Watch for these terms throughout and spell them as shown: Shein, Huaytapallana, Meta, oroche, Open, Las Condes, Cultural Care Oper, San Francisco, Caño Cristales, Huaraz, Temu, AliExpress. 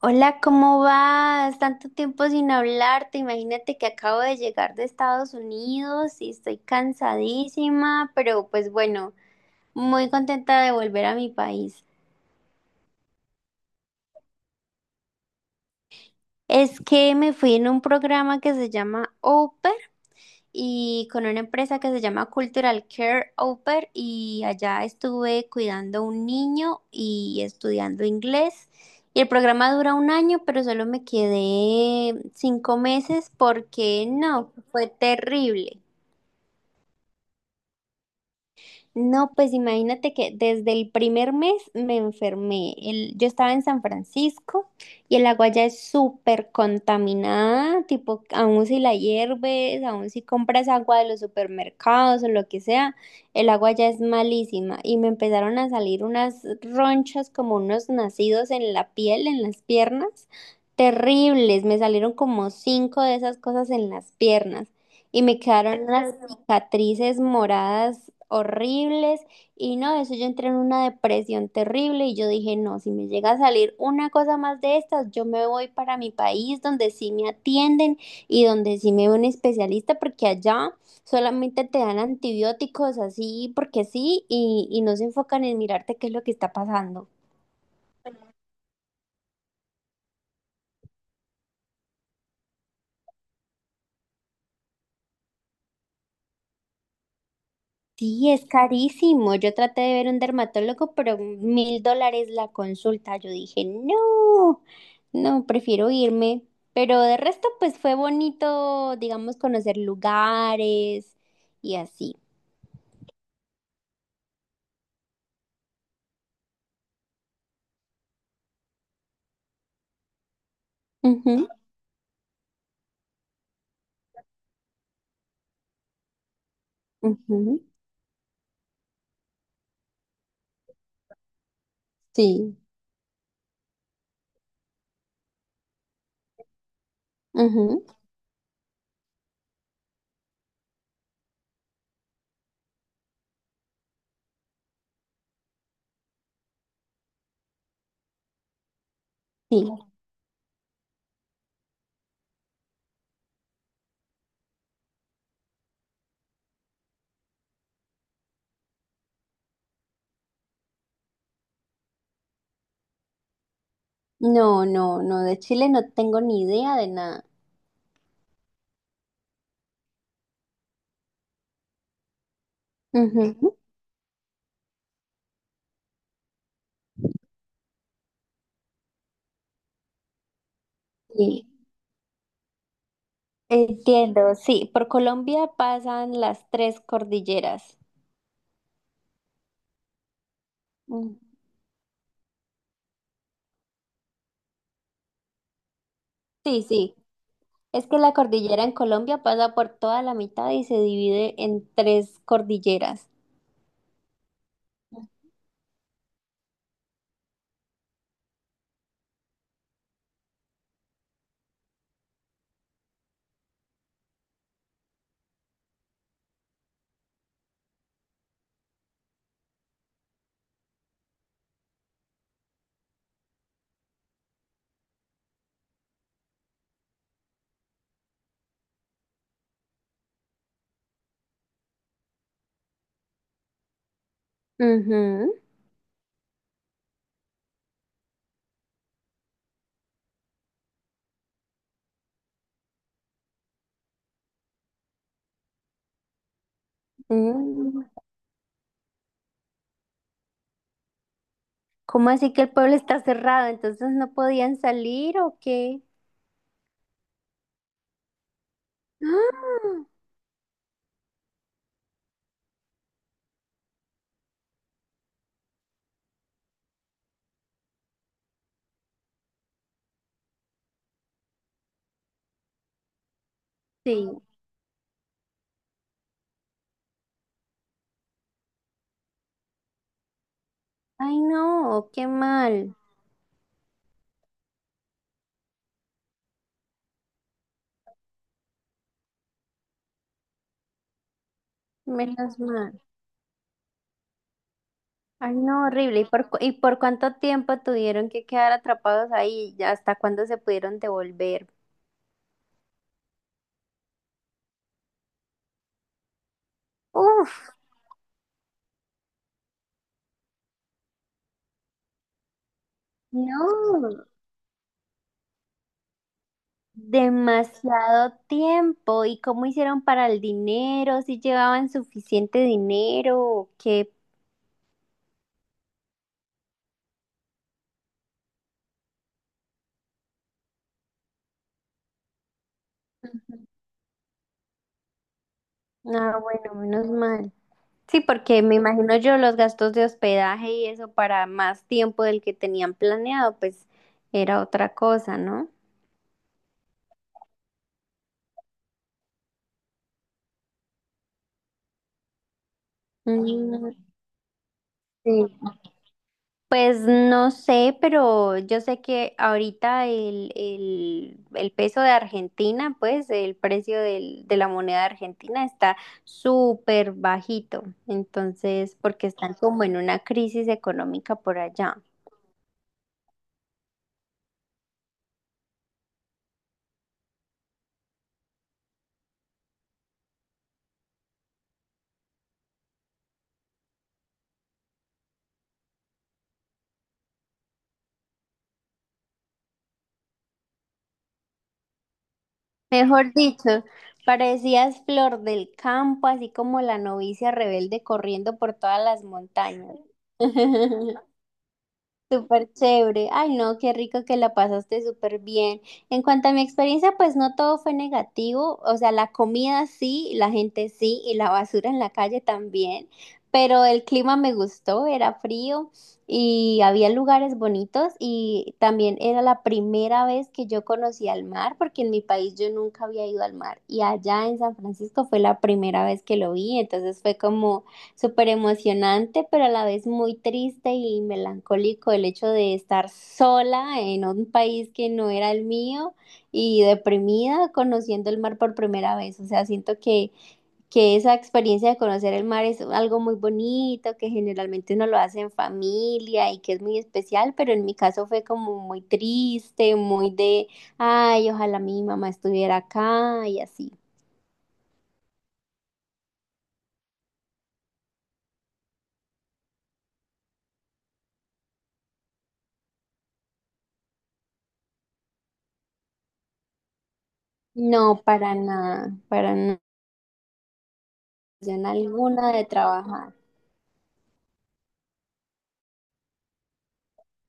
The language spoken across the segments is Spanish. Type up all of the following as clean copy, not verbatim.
Hola, ¿cómo vas? Tanto tiempo sin hablarte. Imagínate que acabo de llegar de Estados Unidos y estoy cansadísima, pero pues bueno, muy contenta de volver a mi país. Es que me fui en un programa que se llama Open y con una empresa que se llama Cultural Care Oper y allá estuve cuidando a un niño y estudiando inglés. Y el programa dura un año, pero solo me quedé 5 meses porque no, fue terrible. No, pues imagínate que desde el primer mes me enfermé. Yo estaba en San Francisco y el agua ya es súper contaminada, tipo, aun si la hierves, aun si compras agua de los supermercados o lo que sea, el agua ya es malísima. Y me empezaron a salir unas ronchas como unos nacidos en la piel, en las piernas, terribles. Me salieron como cinco de esas cosas en las piernas y me quedaron unas cicatrices moradas horribles y no, eso yo entré en una depresión terrible y yo dije, no, si me llega a salir una cosa más de estas, yo me voy para mi país donde sí me atienden y donde sí me ve un especialista porque allá solamente te dan antibióticos así porque sí y no se enfocan en mirarte qué es lo que está pasando. Sí, es carísimo. Yo traté de ver un dermatólogo, pero $1.000 la consulta. Yo dije, no, no, prefiero irme. Pero de resto, pues fue bonito, digamos, conocer lugares y así. Ujú, ujú, sí, ujú, sí. No, no, no, de Chile no tengo ni idea de nada. Ujú, sí, entiendo, sí. Por Colombia pasan las tres cordilleras. Mm, sí, sí. Es que la cordillera en Colombia pasa por toda la mitad y se divide en tres cordilleras. Ujú. Mm. ¿Cómo así que el pueblo está cerrado? ¿Entonces no podían salir o qué? ¡Ah! Sí. Ay, no, qué mal. Menos mal. Ay, no, horrible. ¿Y por, y por cuánto tiempo tuvieron que quedar atrapados ahí? ¿Y ¿Hasta cuándo se pudieron devolver? Uf, no. Demasiado tiempo. ¿Y cómo hicieron para el dinero? ¿Si llevaban suficiente dinero? ¿O qué? Ah, bueno, menos mal. Sí, porque me imagino yo los gastos de hospedaje y eso para más tiempo del que tenían planeado, pues era otra cosa, ¿no? Mm, sí. Pues no sé, pero yo sé que ahorita el peso de Argentina, pues el precio de la moneda argentina está súper bajito, entonces, porque están como en una crisis económica por allá. Mejor dicho, parecías flor del campo, así como la novicia rebelde corriendo por todas las montañas. Súper chévere. Ay, no, qué rico que la pasaste súper bien. En cuanto a mi experiencia, pues no todo fue negativo. O sea, la comida sí, la gente sí, y la basura en la calle también. Pero el clima me gustó, era frío y había lugares bonitos y también era la primera vez que yo conocía el mar, porque en mi país yo nunca había ido al mar y allá en San Francisco fue la primera vez que lo vi, entonces fue como súper emocionante, pero a la vez muy triste y melancólico el hecho de estar sola en un país que no era el mío y deprimida conociendo el mar por primera vez. O sea, siento que esa experiencia de conocer el mar es algo muy bonito, que generalmente uno lo hace en familia y que es muy especial, pero en mi caso fue como muy triste, muy de, ay, ojalá mi mamá estuviera acá y así. No, para nada, alguna de trabajar.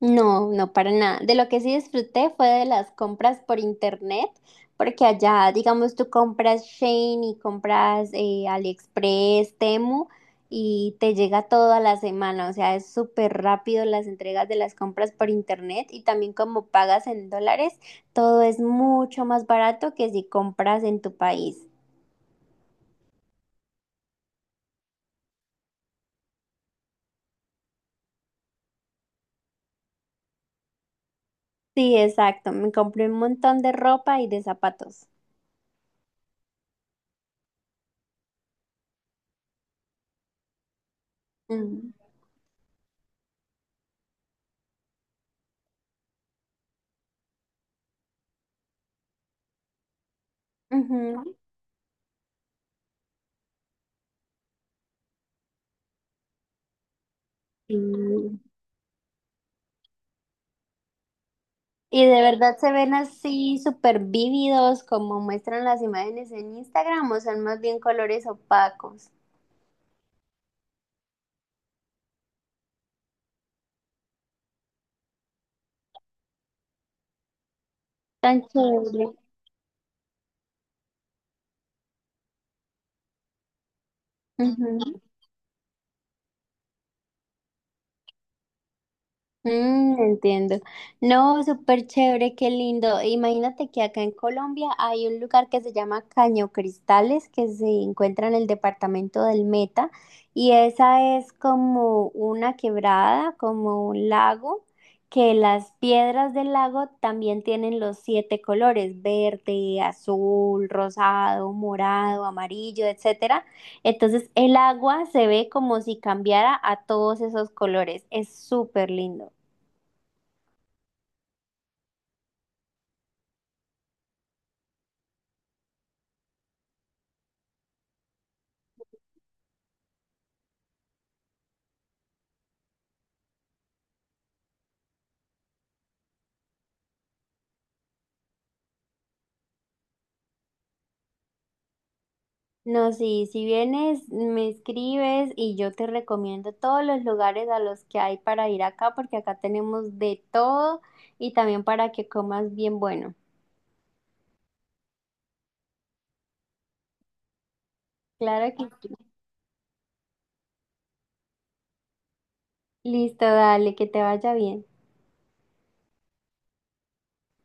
No, no, para nada. De lo que sí disfruté fue de las compras por internet, porque allá, digamos, tú compras Shein y compras AliExpress, Temu y te llega todo a la semana. O sea, es súper rápido las entregas de las compras por internet y también como pagas en dólares, todo es mucho más barato que si compras en tu país. Sí, exacto. Me compré un montón de ropa y de zapatos. Mm, ujú. Sí. Y de verdad se ven así súper vívidos como muestran las imágenes en Instagram o son más bien colores opacos. Tan chévere. Ujú. Mm, entiendo. No, súper chévere, qué lindo. Imagínate que acá en Colombia hay un lugar que se llama Caño Cristales, que se encuentra en el departamento del Meta, y esa es como una quebrada, como un lago, que las piedras del lago también tienen los siete colores, verde, azul, rosado, morado, amarillo, etcétera. Entonces el agua se ve como si cambiara a todos esos colores. Es súper lindo. No, sí, si vienes, me escribes y yo te recomiendo todos los lugares a los que hay para ir acá, porque acá tenemos de todo y también para que comas bien bueno. Claro que sí. Listo, dale, que te vaya bien.